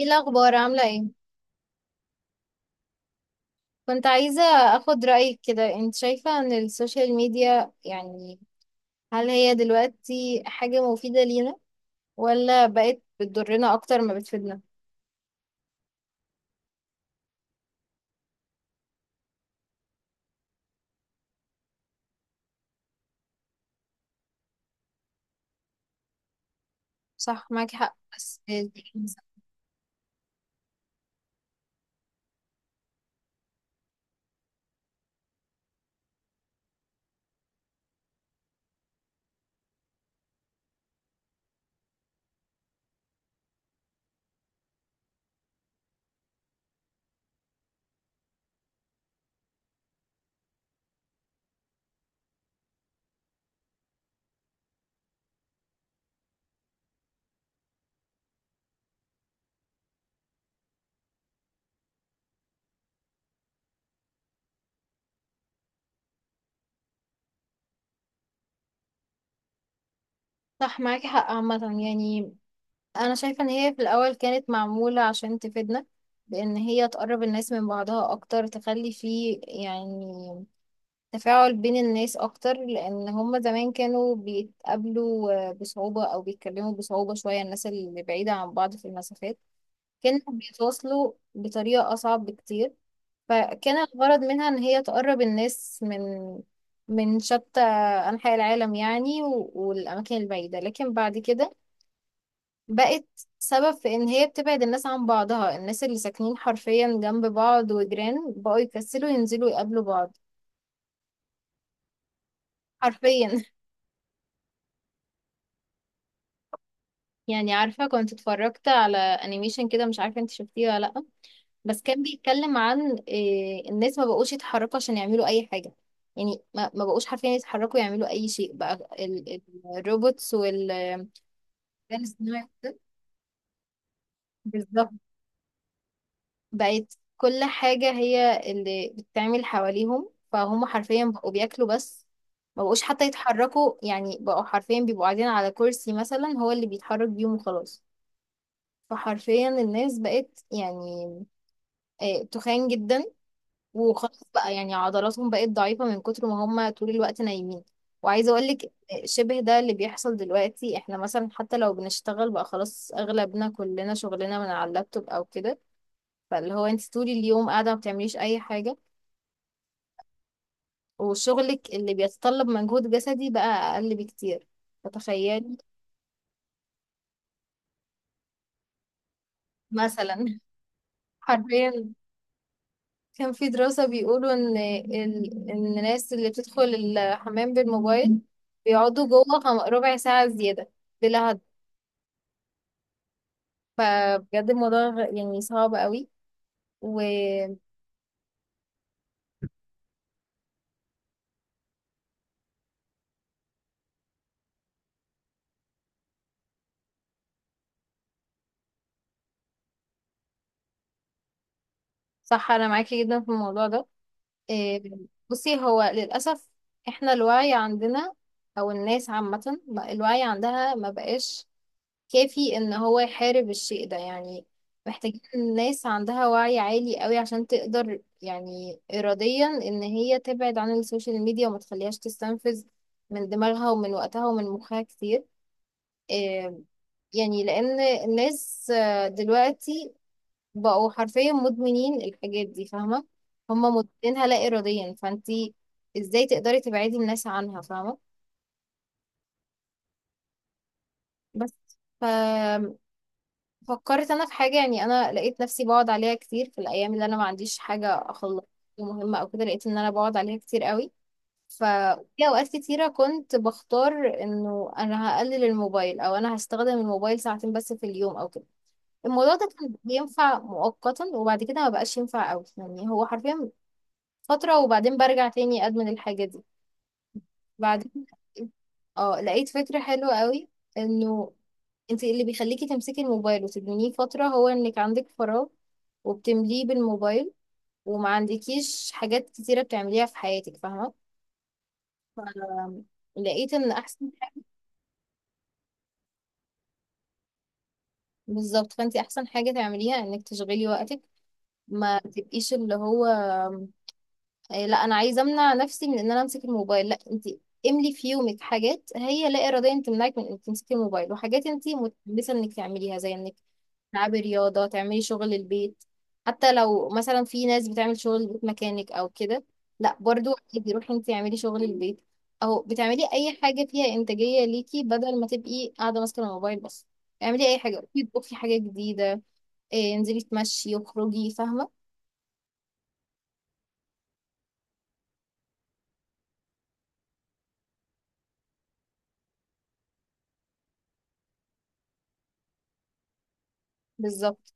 ايه الاخبار؟ عامله ايه؟ كنت عايزه اخد رايك كده. انت شايفه ان السوشيال ميديا يعني هل هي دلوقتي حاجه مفيده لينا؟ ولا بقت بتضرنا اكتر ما بتفيدنا؟ صح، معاكي حق، بس صح معاكي حق. عامه يعني انا شايفه ان هي في الاول كانت معموله عشان تفيدنا، بان هي تقرب الناس من بعضها اكتر، تخلي فيه يعني تفاعل بين الناس أكتر، لأن هما زمان كانوا بيتقابلوا بصعوبة أو بيتكلموا بصعوبة شوية، الناس اللي بعيدة عن بعض في المسافات كانوا بيتواصلوا بطريقة أصعب بكتير. فكان الغرض منها إن هي تقرب الناس من من شتى أنحاء العالم يعني والأماكن البعيدة، لكن بعد كده بقت سبب في إن هي بتبعد الناس عن بعضها. الناس اللي ساكنين حرفيا جنب بعض وجيران بقوا يكسلوا ينزلوا يقابلوا بعض، حرفيا. يعني عارفة، كنت اتفرجت على انيميشن كده، مش عارفة انت شفتيه ولا لأ، بس كان بيتكلم عن إيه؟ الناس ما بقوش يتحركوا عشان يعملوا اي حاجة. يعني ما بقوش حرفيا يتحركوا يعملوا اي شيء بقى. ال- ال- الروبوتس وال الذكاء الاصطناعي وكده. بالظبط، بقت كل حاجة هي اللي بتتعمل حواليهم، فهم حرفيا بقوا بياكلوا بس، ما بقوش حتى يتحركوا. يعني بقوا حرفيا بيبقوا قاعدين على كرسي مثلا هو اللي بيتحرك بيهم وخلاص. فحرفيا الناس بقت يعني تخان جدا، وخلاص بقى يعني عضلاتهم بقت ضعيفة من كتر ما هم طول الوقت نايمين. وعايزة اقولك شبه ده اللي بيحصل دلوقتي. احنا مثلا حتى لو بنشتغل بقى خلاص اغلبنا كلنا شغلنا من على اللابتوب او كده، فاللي هو انت طول اليوم قاعدة ما بتعمليش اي حاجة، وشغلك اللي بيتطلب مجهود جسدي بقى اقل بكتير. فتخيلي مثلا. حرفيا. كان في دراسة بيقولوا إن إن الناس اللي بتدخل الحمام بالموبايل بيقعدوا جوه ربع ساعة زيادة بلا هدف. فبجد الموضوع يعني صعب قوي، وصح. أنا معاكي جدا في الموضوع ده. إيه، بصي، هو للأسف إحنا الوعي عندنا أو الناس عامة الوعي عندها ما بقاش كافي ان هو يحارب الشيء ده. يعني محتاجين الناس عندها وعي عالي قوي عشان تقدر يعني اراديا ان هي تبعد عن السوشيال ميديا وما تخليهاش تستنفذ من دماغها ومن وقتها ومن مخها كتير. آه، يعني لان الناس دلوقتي بقوا حرفيا مدمنين الحاجات دي، فاهمة؟ هم مدمنينها لا اراديا، فانتي ازاي تقدري تبعدي الناس عنها؟ فاهمة؟ بس فكرت انا في حاجه. يعني انا لقيت نفسي بقعد عليها كتير في الايام اللي انا ما عنديش حاجه اخلص مهمه او كده. لقيت ان انا بقعد عليها كتير قوي. ف في اوقات كتيره كنت بختار انه انا هقلل الموبايل، او انا هستخدم الموبايل ساعتين بس في اليوم او كده. الموضوع ده كان بينفع مؤقتا وبعد كده ما بقاش ينفع قوي. يعني هو حرفيا فتره وبعدين برجع تاني ادمن الحاجه دي. بعدين اه لقيت فكره حلوه قوي، انه انت اللي بيخليكي تمسكي الموبايل وتدمنيه فترة هو انك عندك فراغ وبتمليه بالموبايل، وما عندكيش حاجات كتيرة بتعمليها في حياتك، فاهمة؟ فلقيت ان احسن حاجة، بالظبط، فانت احسن حاجة تعمليها انك تشغلي وقتك. ما تبقيش اللي هو إيه، لا انا عايزه امنع نفسي من ان انا امسك الموبايل. لا، انت املي في يومك حاجات هي لا اراديه انت تمنعك من انك تمسكي الموبايل، وحاجات انت متحمسه انك تعمليها، زي انك تلعبي رياضه، تعملي شغل البيت. حتى لو مثلا في ناس بتعمل شغل البيت مكانك او كده، لا برضو عادي روحي انت اعملي شغل البيت، او بتعملي اي حاجه فيها انتاجيه ليكي بدل ما تبقي قاعده ماسكه الموبايل بس. اعملي اي حاجه، روحي اطبخي حاجه جديده، انزلي تمشي واخرجي، فاهمه؟ بالظبط.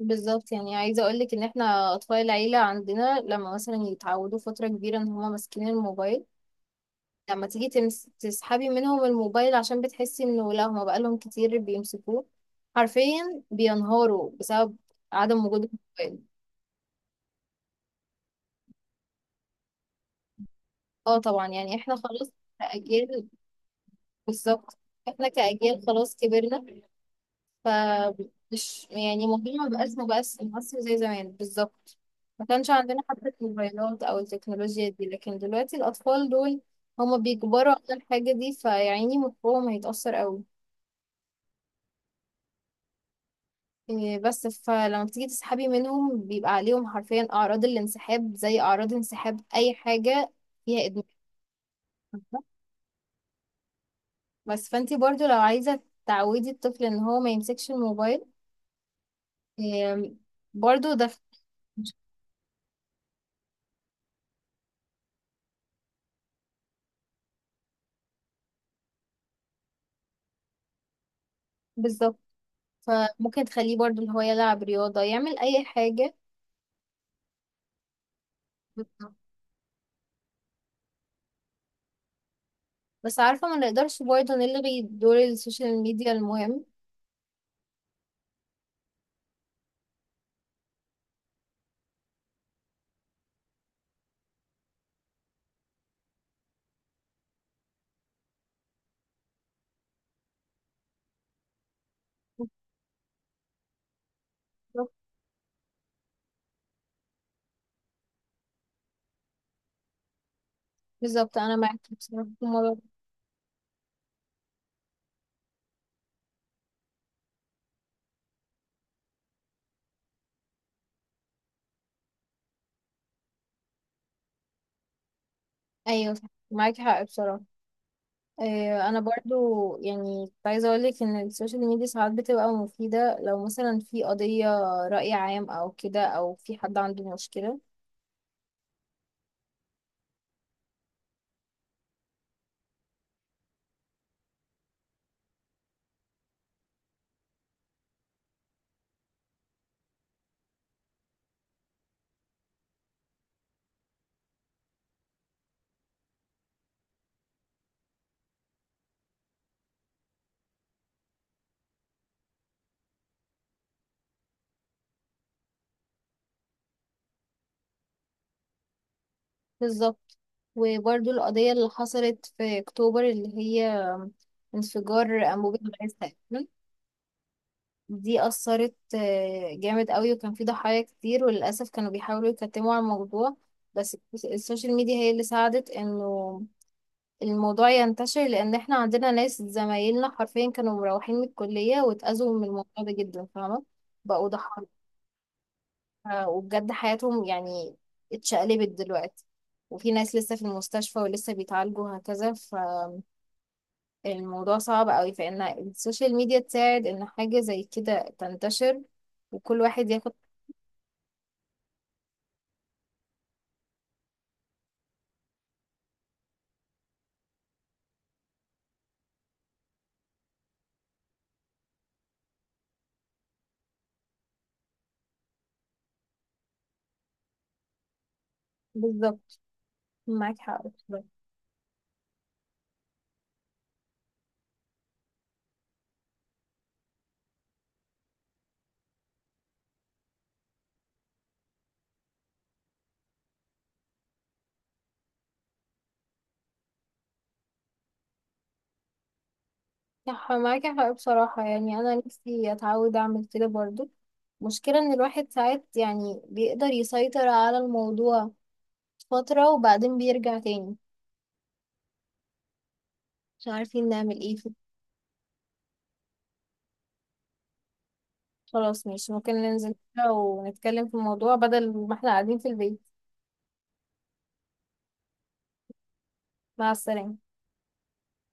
بالظبط يعني عايزة اقولك ان احنا اطفال العيلة عندنا لما مثلا يتعودوا فترة كبيرة ان هما ماسكين الموبايل، لما تيجي تسحبي منهم الموبايل عشان بتحسي انه لا هما بقالهم كتير بيمسكوه، حرفيا بينهاروا بسبب عدم وجود الموبايل. اه طبعا يعني احنا خلاص كأجيال، بالظبط، احنا كأجيال خلاص كبرنا. ف مش يعني الموضوع مبقاش مؤثر زي زمان بالظبط. ما كانش عندنا حتى الموبايلات او التكنولوجيا دي، لكن دلوقتي الاطفال دول هما بيجبروا على الحاجة دي، فيعني مخهم هيتأثر قوي. إيه بس فلما بتيجي تسحبي منهم بيبقى عليهم حرفيا اعراض الانسحاب، زي اعراض انسحاب اي حاجة فيها ادمان. بس فانتي برضو لو عايزة تعودي الطفل ان هو ما يمسكش الموبايل، إيه، برضو ده بالظبط. فممكن تخليه برضو اللي هو يلعب رياضة، يعمل أي حاجة. بس عارفة، ما نقدرش برضه نلغي دور السوشيال ميديا المهم. بالظبط. بالظبط أنا معاكي بصراحة في الموضوع ده. أيوة صح، معاكي حق بصراحة. أنا برضو يعني كنت عايزة أقولك إن السوشيال ميديا ساعات بتبقى مفيدة، لو مثلا في قضية رأي عام أو كده، أو في حد عنده مشكلة. بالظبط. وبرضو القضية اللي حصلت في أكتوبر اللي هي انفجار أنبوبة غاز تقريباً، دي أثرت جامد قوي، وكان في ضحايا كتير، وللأسف كانوا بيحاولوا يكتموا على الموضوع، بس السوشيال ميديا هي اللي ساعدت انه الموضوع ينتشر، لان احنا عندنا ناس زمايلنا حرفيا كانوا مروحين من الكلية واتأذوا من الموضوع ده جدا، فاهمة؟ بقوا ضحايا. وبجد حياتهم يعني اتشقلبت دلوقتي، وفي ناس لسه في المستشفى ولسه بيتعالجوا هكذا. فالموضوع صعب قوي، فإن السوشيال ميديا تساعد إن حاجة زي كده تنتشر وكل واحد ياخد بالظبط. معاك حق بصراحة. صح، معاك حق بصراحة. يعني أنا نفسي أتعود أعمل كده برضو. مشكلة إن الواحد ساعات يعني بيقدر يسيطر على الموضوع فترة وبعدين بيرجع تاني، مش عارفين نعمل إيه في- خلاص ماشي، ممكن ننزل كده ونتكلم في الموضوع بدل ما إحنا قاعدين في البيت. مع السلامة.